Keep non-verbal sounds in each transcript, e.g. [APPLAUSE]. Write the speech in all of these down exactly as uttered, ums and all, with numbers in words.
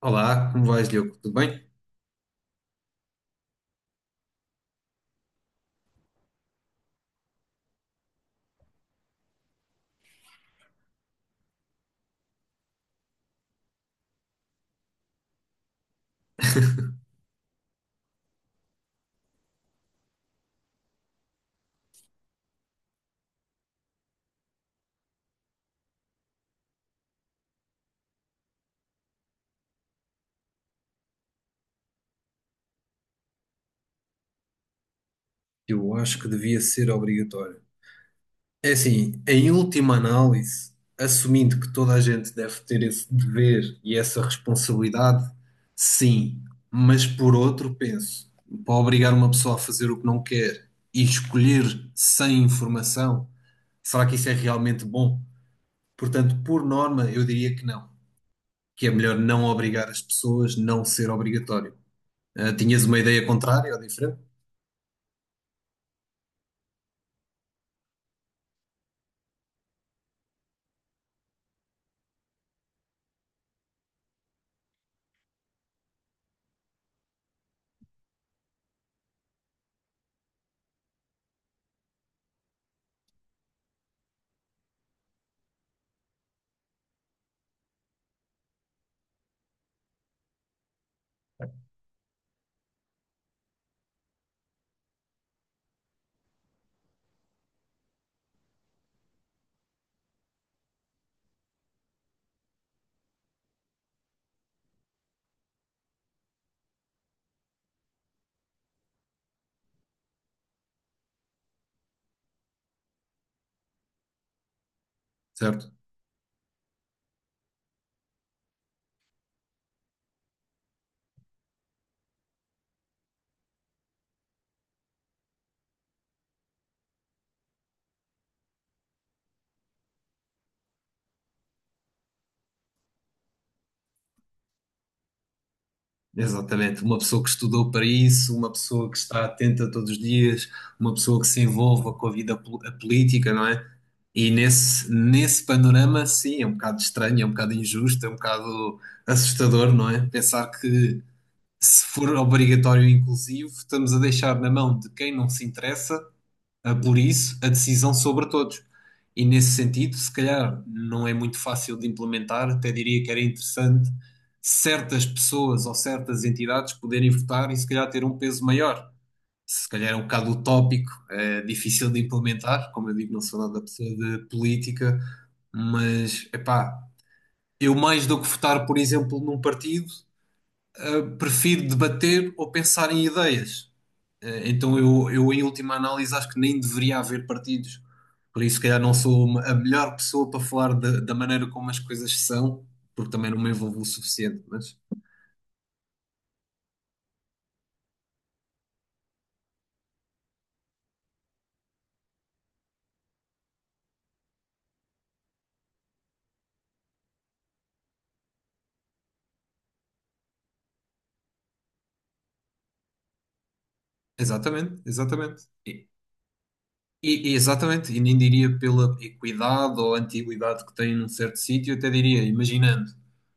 Olá, como vais, Diogo? Tudo bem? [LAUGHS] Eu acho que devia ser obrigatório. É assim, em última análise, assumindo que toda a gente deve ter esse dever e essa responsabilidade, sim, mas por outro, penso, para obrigar uma pessoa a fazer o que não quer e escolher sem informação, será que isso é realmente bom? Portanto, por norma, eu diria que não, que é melhor não obrigar as pessoas, não ser obrigatório. Ah, tinhas uma ideia contrária ou diferente, certo? Exatamente, uma pessoa que estudou para isso, uma pessoa que está atenta todos os dias, uma pessoa que se envolva com a vida pol- a política, não é? E nesse, nesse panorama, sim, é um bocado estranho, é um bocado injusto, é um bocado assustador, não é? Pensar que se for obrigatório e inclusivo, estamos a deixar na mão de quem não se interessa a, por isso, a decisão sobre todos. E nesse sentido, se calhar não é muito fácil de implementar, até diria que era interessante certas pessoas ou certas entidades poderem votar e se calhar ter um peso maior. Se calhar é um bocado utópico, é difícil de implementar, como eu digo, não sou nada pessoa de política, mas epá, eu mais do que votar, por exemplo, num partido, eh, prefiro debater ou pensar em ideias. Eh, Então eu, eu, em última análise, acho que nem deveria haver partidos. Por isso, se calhar, não sou uma- a melhor pessoa para falar da da maneira como as coisas são, porque também não me envolvo o suficiente. Mas exatamente, exatamente. E, E, e exatamente, e nem diria pela equidade ou antiguidade que tem num certo sítio, até diria, imaginando,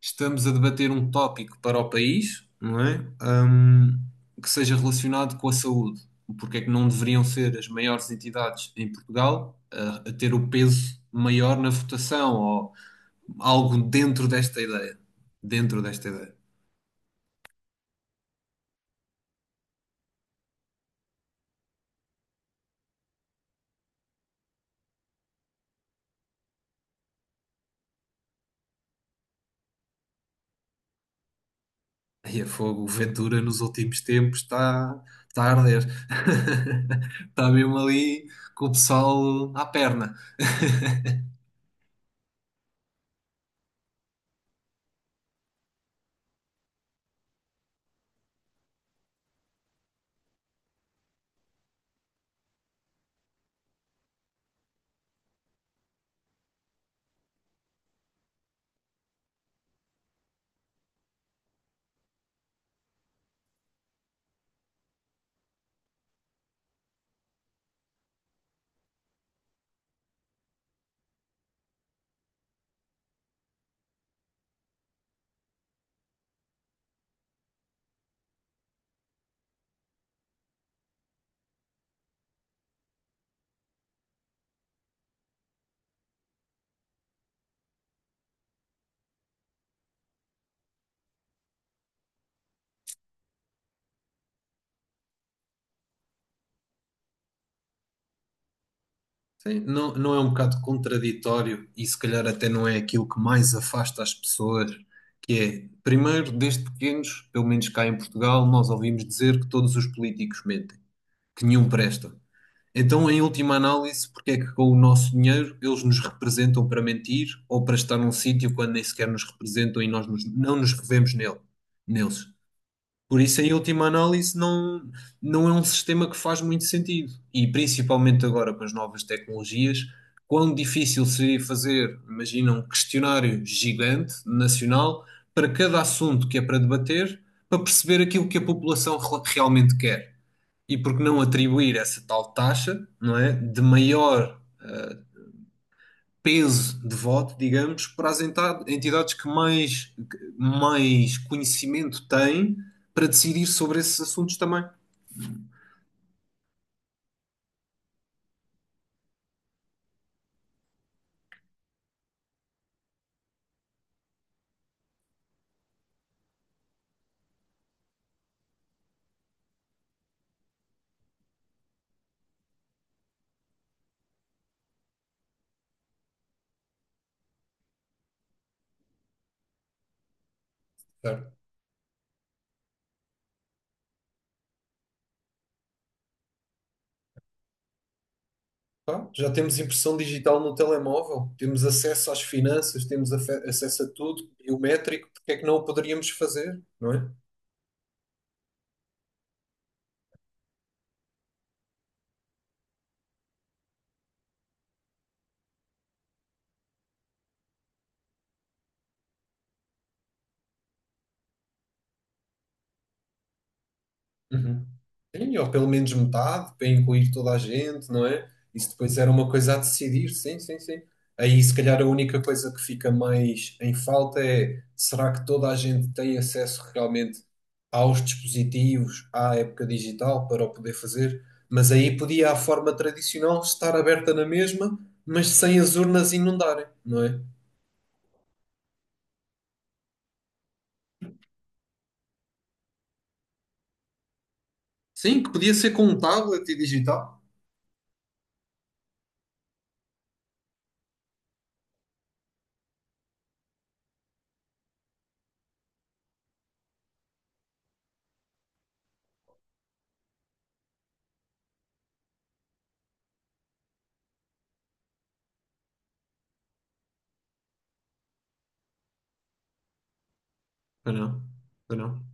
estamos a debater um tópico para o país, não é? Hum, que seja relacionado com a saúde. Porque é que não deveriam ser as maiores entidades em Portugal a, a ter o peso maior na votação ou algo dentro desta ideia? Dentro desta ideia. Aí a fogo, o Ventura nos últimos tempos está tá tá a arder. [LAUGHS] Está mesmo ali com o pessoal à perna. [LAUGHS] Sim, não, não é um bocado contraditório e se calhar até não é aquilo que mais afasta as pessoas, que é, primeiro, desde pequenos, pelo menos cá em Portugal, nós ouvimos dizer que todos os políticos mentem, que nenhum presta. Então, em última análise, porque é que com o nosso dinheiro eles nos representam para mentir ou para estar num sítio quando nem sequer nos representam e nós nos- não nos revemos nele, neles? Por isso, em última análise, não, não é um sistema que faz muito sentido. E principalmente agora com as novas tecnologias, quão difícil seria fazer, imagina, um questionário gigante, nacional, para cada assunto que é para debater, para perceber aquilo que a população re- realmente quer e porque não atribuir essa tal taxa, não é, de maior eh, peso de voto, digamos, para as enta- entidades que mais, que mais conhecimento têm para decidir sobre esses assuntos também. Certo. Pá, já temos impressão digital no telemóvel, temos acesso às finanças, temos afe- acesso a tudo, biométrico, porque é que não o poderíamos fazer, não é? Uhum. Sim, ou pelo menos metade, para incluir toda a gente, não é? Isso depois era uma coisa a decidir, sim, sim, sim. Aí, se calhar, a única coisa que fica mais em falta é será que toda a gente tem acesso realmente aos dispositivos, à época digital, para o poder fazer? Mas aí podia a forma tradicional estar aberta na mesma, mas sem as urnas inundarem, não é? Sim, que podia ser com um tablet e digital. Para não, para não.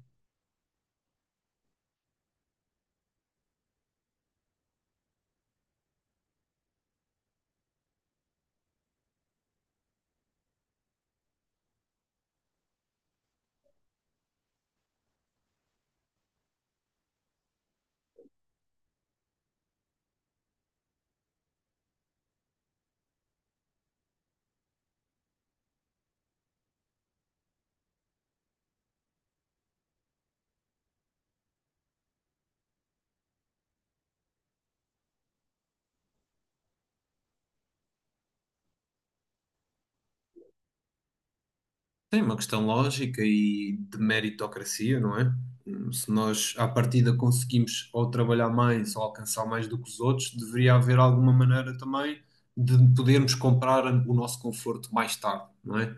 Tem uma questão lógica e de meritocracia, não é? Hum, Se nós, à partida, conseguimos ou trabalhar mais ou alcançar mais do que os outros, deveria haver alguma maneira também de podermos comprar o nosso conforto mais tarde, não é?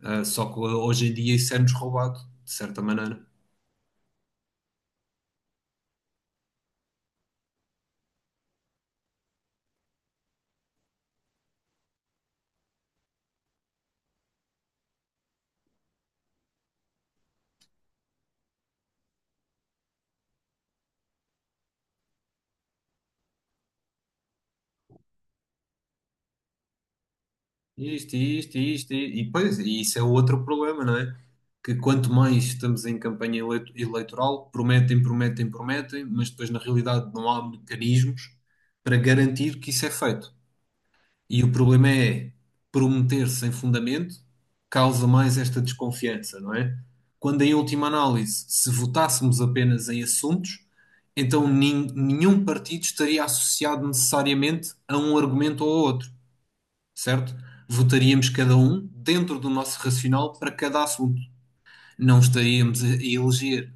Ah, só que hoje em dia isso é-nos roubado, de certa maneira. Isto, isto, isto, isto. E pois, e isso é outro problema, não é? Que quanto mais estamos em campanha eleito- eleitoral, prometem, prometem, prometem, mas depois na realidade não há mecanismos para garantir que isso é feito. E o problema é prometer sem fundamento causa mais esta desconfiança, não é? Quando em última análise, se votássemos apenas em assuntos, então nin- nenhum partido estaria associado necessariamente a um argumento ou a outro certo? Votaríamos cada um dentro do nosso racional para cada assunto. Não estaríamos a eleger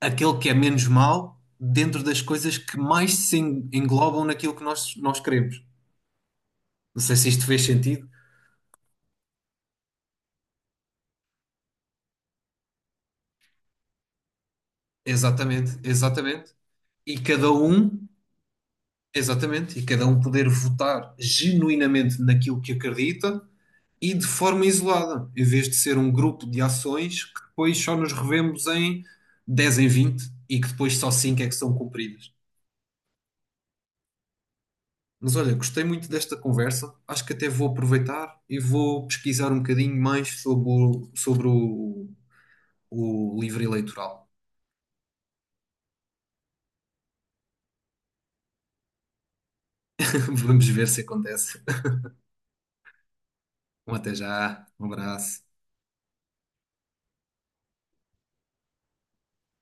aquele que é menos mau dentro das coisas que mais se en- englobam naquilo que nós, nós queremos. Não sei se isto fez sentido. Exatamente, exatamente. E cada um, exatamente, e cada um poder votar genuinamente naquilo que acredita e de forma isolada, em vez de ser um grupo de ações que depois só nos revemos em dez em vinte e que depois só cinco é que são cumpridas. Mas olha, gostei muito desta conversa. Acho que até vou aproveitar e vou pesquisar um bocadinho mais sobre o, sobre o, o livro eleitoral. [LAUGHS] Vamos ver se acontece. Um até já, um abraço.